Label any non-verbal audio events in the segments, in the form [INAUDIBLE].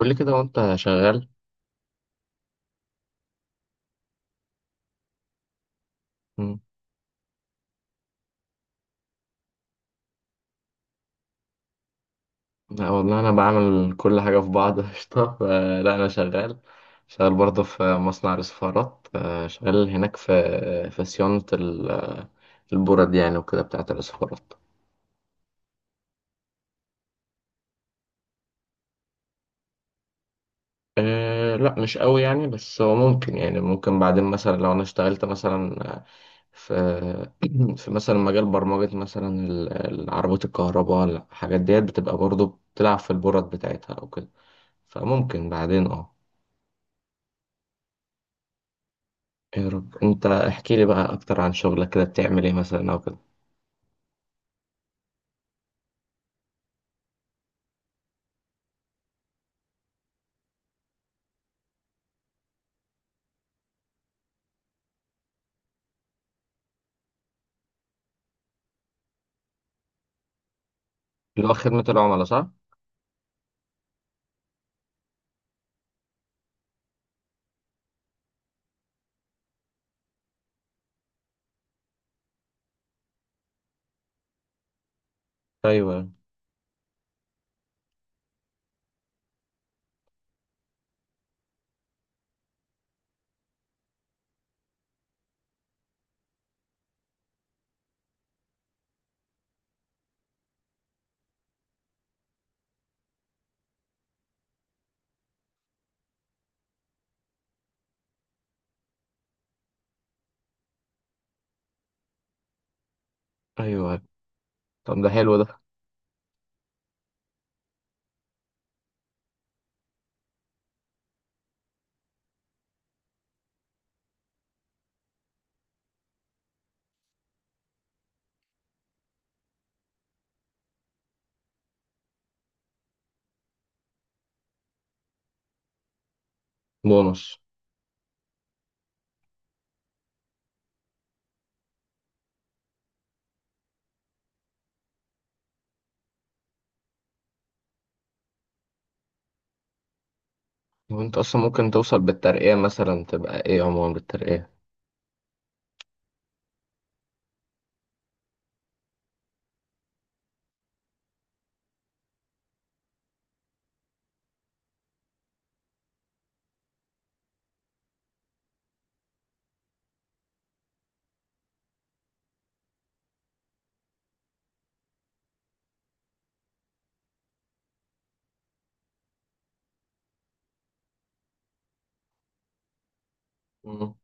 قول لي كده وانت شغال. مم. لا والله انا بعمل كل حاجه في بعض [LAUGHS] قشطه لا انا شغال، شغال برضه في مصنع الاسفارات، شغال هناك في صيانه البرد يعني وكده بتاعه الاسفارات. أه لا مش قوي يعني، بس هو ممكن، يعني ممكن بعدين مثلا لو انا اشتغلت مثلا، في [CLEARS THROAT] في مثلا مجال برمجة مثلا العربيات الكهرباء الحاجات ديت بتبقى برضه بتلعب في البرد بتاعتها او كده، فممكن بعدين يا رب. انت احكي لي بقى اكتر عن شغلك، كده بتعمل ايه مثلا او كده؟ اللي هو خدمة العملاء صح؟ ايوه، ايوه. طب ده حلو ده. بونص. وانت اصلا ممكن توصل بالترقية مثلا تبقى ايه عموما بالترقية؟ مم.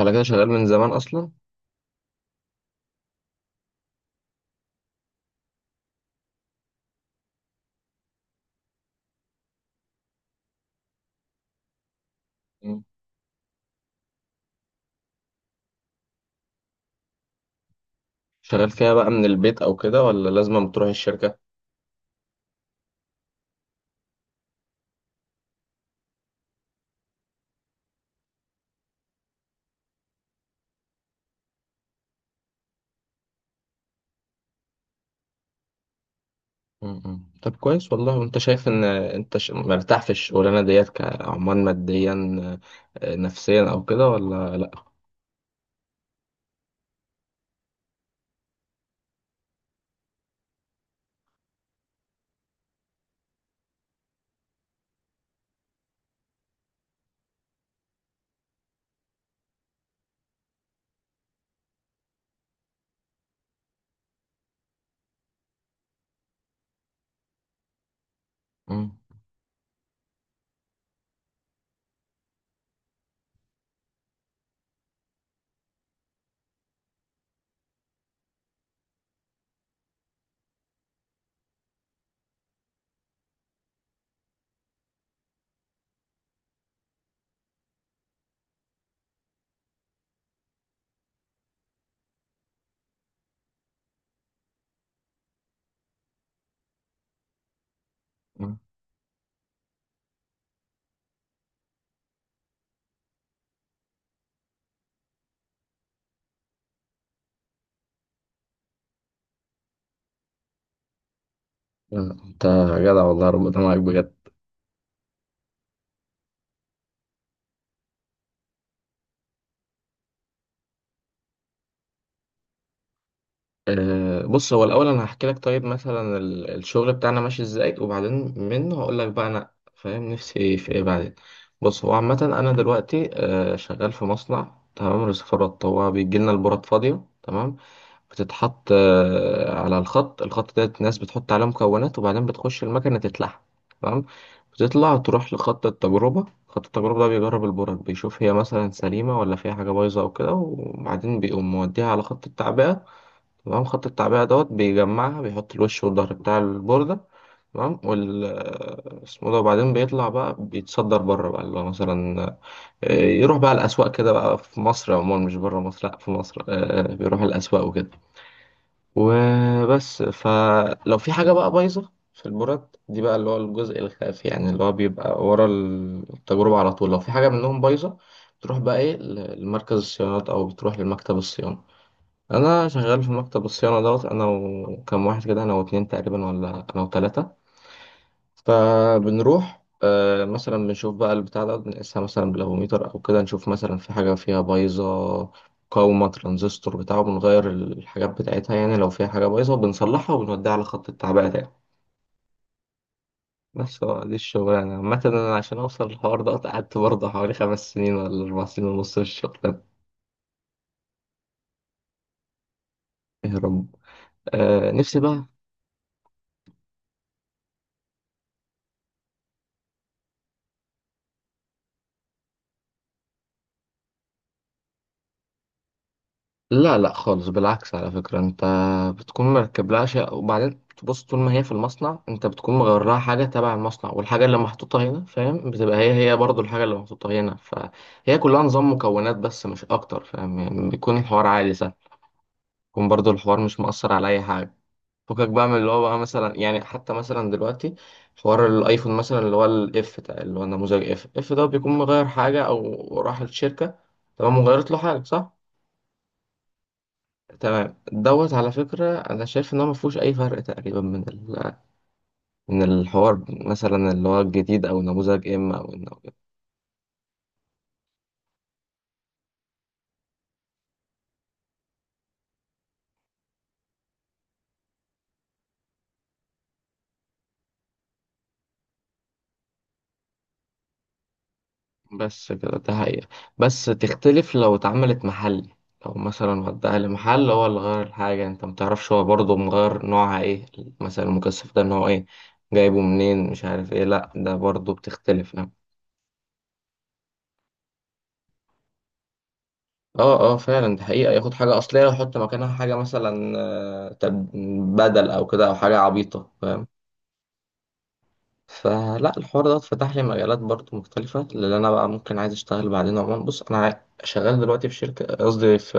على كده شغال من زمان اصلا. مم. شغال فيها بقى من البيت او كده، ولا لازم تروح الشركة؟ مم. طب كويس والله. وانت شايف ان انت مرتاح في الشغلانة ديت كعمال، ماديا، نفسيا او كده، ولا لا؟ مم. مم. لا، انت جدع والله، ربنا معاك بجد. أه بص، هو الأول أنا هحكي لك، طيب مثلا الشغل بتاعنا ماشي إزاي، وبعدين منه هقول لك بقى أنا فاهم نفسي ايه في إيه بعدين. بص، هو عامة أنا دلوقتي أه شغال في مصنع، تمام، رصفارات. هو بيجي لنا البورات فاضية، تمام، بتتحط أه على الخط. الخط ده الناس بتحط عليه مكونات، وبعدين بتخش المكنة تتلحم، تمام. بتطلع تروح لخط التجربة. خط التجربة ده بيجرب البورات، بيشوف هي مثلا سليمة ولا فيها حاجة بايظة أو كده، وبعدين بيقوم موديها على خط التعبئة. تمام. خط التعبئة دوت بيجمعها، بيحط الوش والظهر بتاع البوردة، تمام. اسمه ده، وبعدين بيطلع بقى، بيتصدر بره بقى اللي هو مثلا، يروح بقى الأسواق كده بقى في مصر، عموما مش بره مصر، لأ في مصر، بيروح الأسواق وكده وبس. فلو في حاجة بقى بايظة في البورات دي بقى، اللي هو الجزء الخافي يعني، اللي هو بيبقى ورا التجربة على طول، لو في حاجة منهم بايظة، بتروح بقى ايه لمركز الصيانات، أو بتروح لمكتب الصيانة. انا شغال في مكتب الصيانه دوت، انا وكم واحد كده، انا واتنين تقريبا، ولا انا وتلاته. فبنروح، مثلا بنشوف بقى البتاع ده، بنقيسها مثلا بالافوميتر او كده، نشوف مثلا في حاجه فيها بايظه، مقاومه، ترانزستور بتاعه، بنغير الحاجات بتاعتها يعني. لو فيها حاجه بايظه بنصلحها، وبنوديها على خط التعبئه تاني. بس هو دي الشغلانه عامه. انا عشان اوصل للحوار ده قعدت برضه حوالي 5 سنين ولا 4 سنين ونص في الشغل ده. يا رب. آه، نفسي بقى. لا لا خالص، بالعكس، على فكرة انت بتكون مركب لها شيء، وبعدين تبص طول ما هي في المصنع انت بتكون مغير لها حاجة تبع المصنع، والحاجة اللي محطوطة هنا فاهم بتبقى هي برضو الحاجة اللي محطوطة هنا، فهي كلها نظام مكونات بس، مش اكتر فاهم؟ يعني بيكون الحوار عادي سهل. بيكون برضو الحوار مش مؤثر على اي حاجة. فكك بقى من اللي هو بقى مثلا، يعني حتى مثلا دلوقتي حوار الايفون مثلا، اللي هو الاف ده، اللي هو نموذج اف ده، بيكون مغير حاجة او راح الشركة، تمام، وغيرت له حاجة، صح؟ تمام دوت. على فكرة أنا شايف إن هو مفهوش أي فرق تقريبا من من الحوار مثلا اللي هو الجديد، أو نموذج إم أو النموذج. بس كده، ده حقيقة. بس تختلف لو اتعملت محلي، لو مثلا وداها لمحل، هو اللي غير الحاجة، أنت متعرفش هو برضه مغير نوعها إيه، مثلا المكثف ده نوعه إيه، جايبه منين، مش عارف إيه، لأ ده برضه بتختلف يعني. اه اه فعلا، دي حقيقة، ياخد حاجة أصلية ويحط مكانها حاجة مثلا، بدل أو كده، أو حاجة عبيطة فاهم؟ فلا الحوار ده فتح لي مجالات برضه مختلفة، اللي أنا بقى ممكن عايز أشتغل بعدين. عموما بص أنا شغال دلوقتي في شركة، قصدي في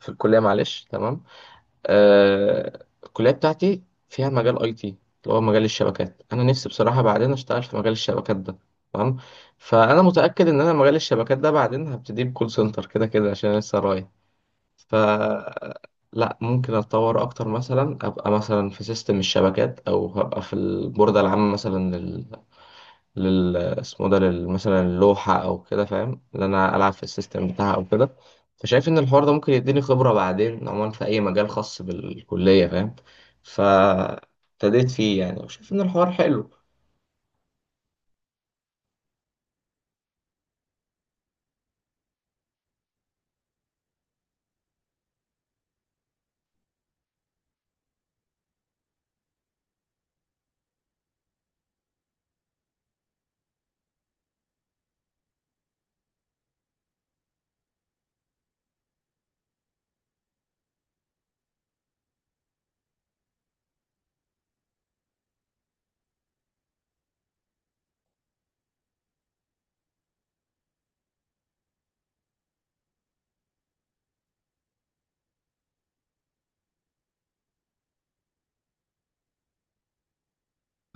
في الكلية، معلش، تمام. آه الكلية بتاعتي فيها مجال أي تي، اللي هو مجال الشبكات. أنا نفسي بصراحة بعدين أشتغل في مجال الشبكات ده، تمام. فأنا متأكد إن أنا مجال الشبكات ده بعدين هبتدي بكول سنتر كده كده، عشان أنا لسه رايح. ف لا ممكن اتطور اكتر، مثلا ابقى مثلا في سيستم الشبكات، او هبقى في البوردة العامة مثلا، اسمه ده، مثلا اللوحة أو كده فاهم، اللي أنا ألعب في السيستم بتاعها أو كده. فشايف إن الحوار ده ممكن يديني خبرة بعدين عموما في أي مجال خاص بالكلية فاهم. فابتديت فيه يعني، وشايف إن الحوار حلو.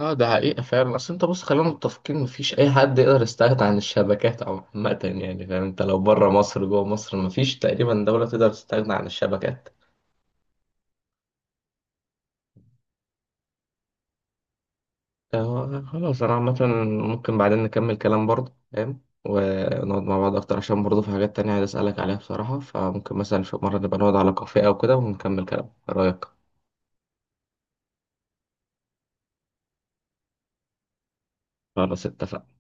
اه ده حقيقة فعلا، أصل أنت بص خلينا متفقين مفيش أي حد يقدر يستغنى عن الشبكات عامة يعني فاهم؟ أنت لو بره مصر جوه مصر مفيش تقريبا دولة تقدر تستغنى عن الشبكات. آه، خلاص انا عامة ممكن بعدين نكمل كلام برضه فاهم، ونقعد مع بعض اكتر، عشان برضه في حاجات تانية عايز اسألك عليها بصراحة. فممكن مثلا في مرة نبقى نقعد على كافيه او كده ونكمل كلام، ايه رأيك؟ خلاص اتفقنا.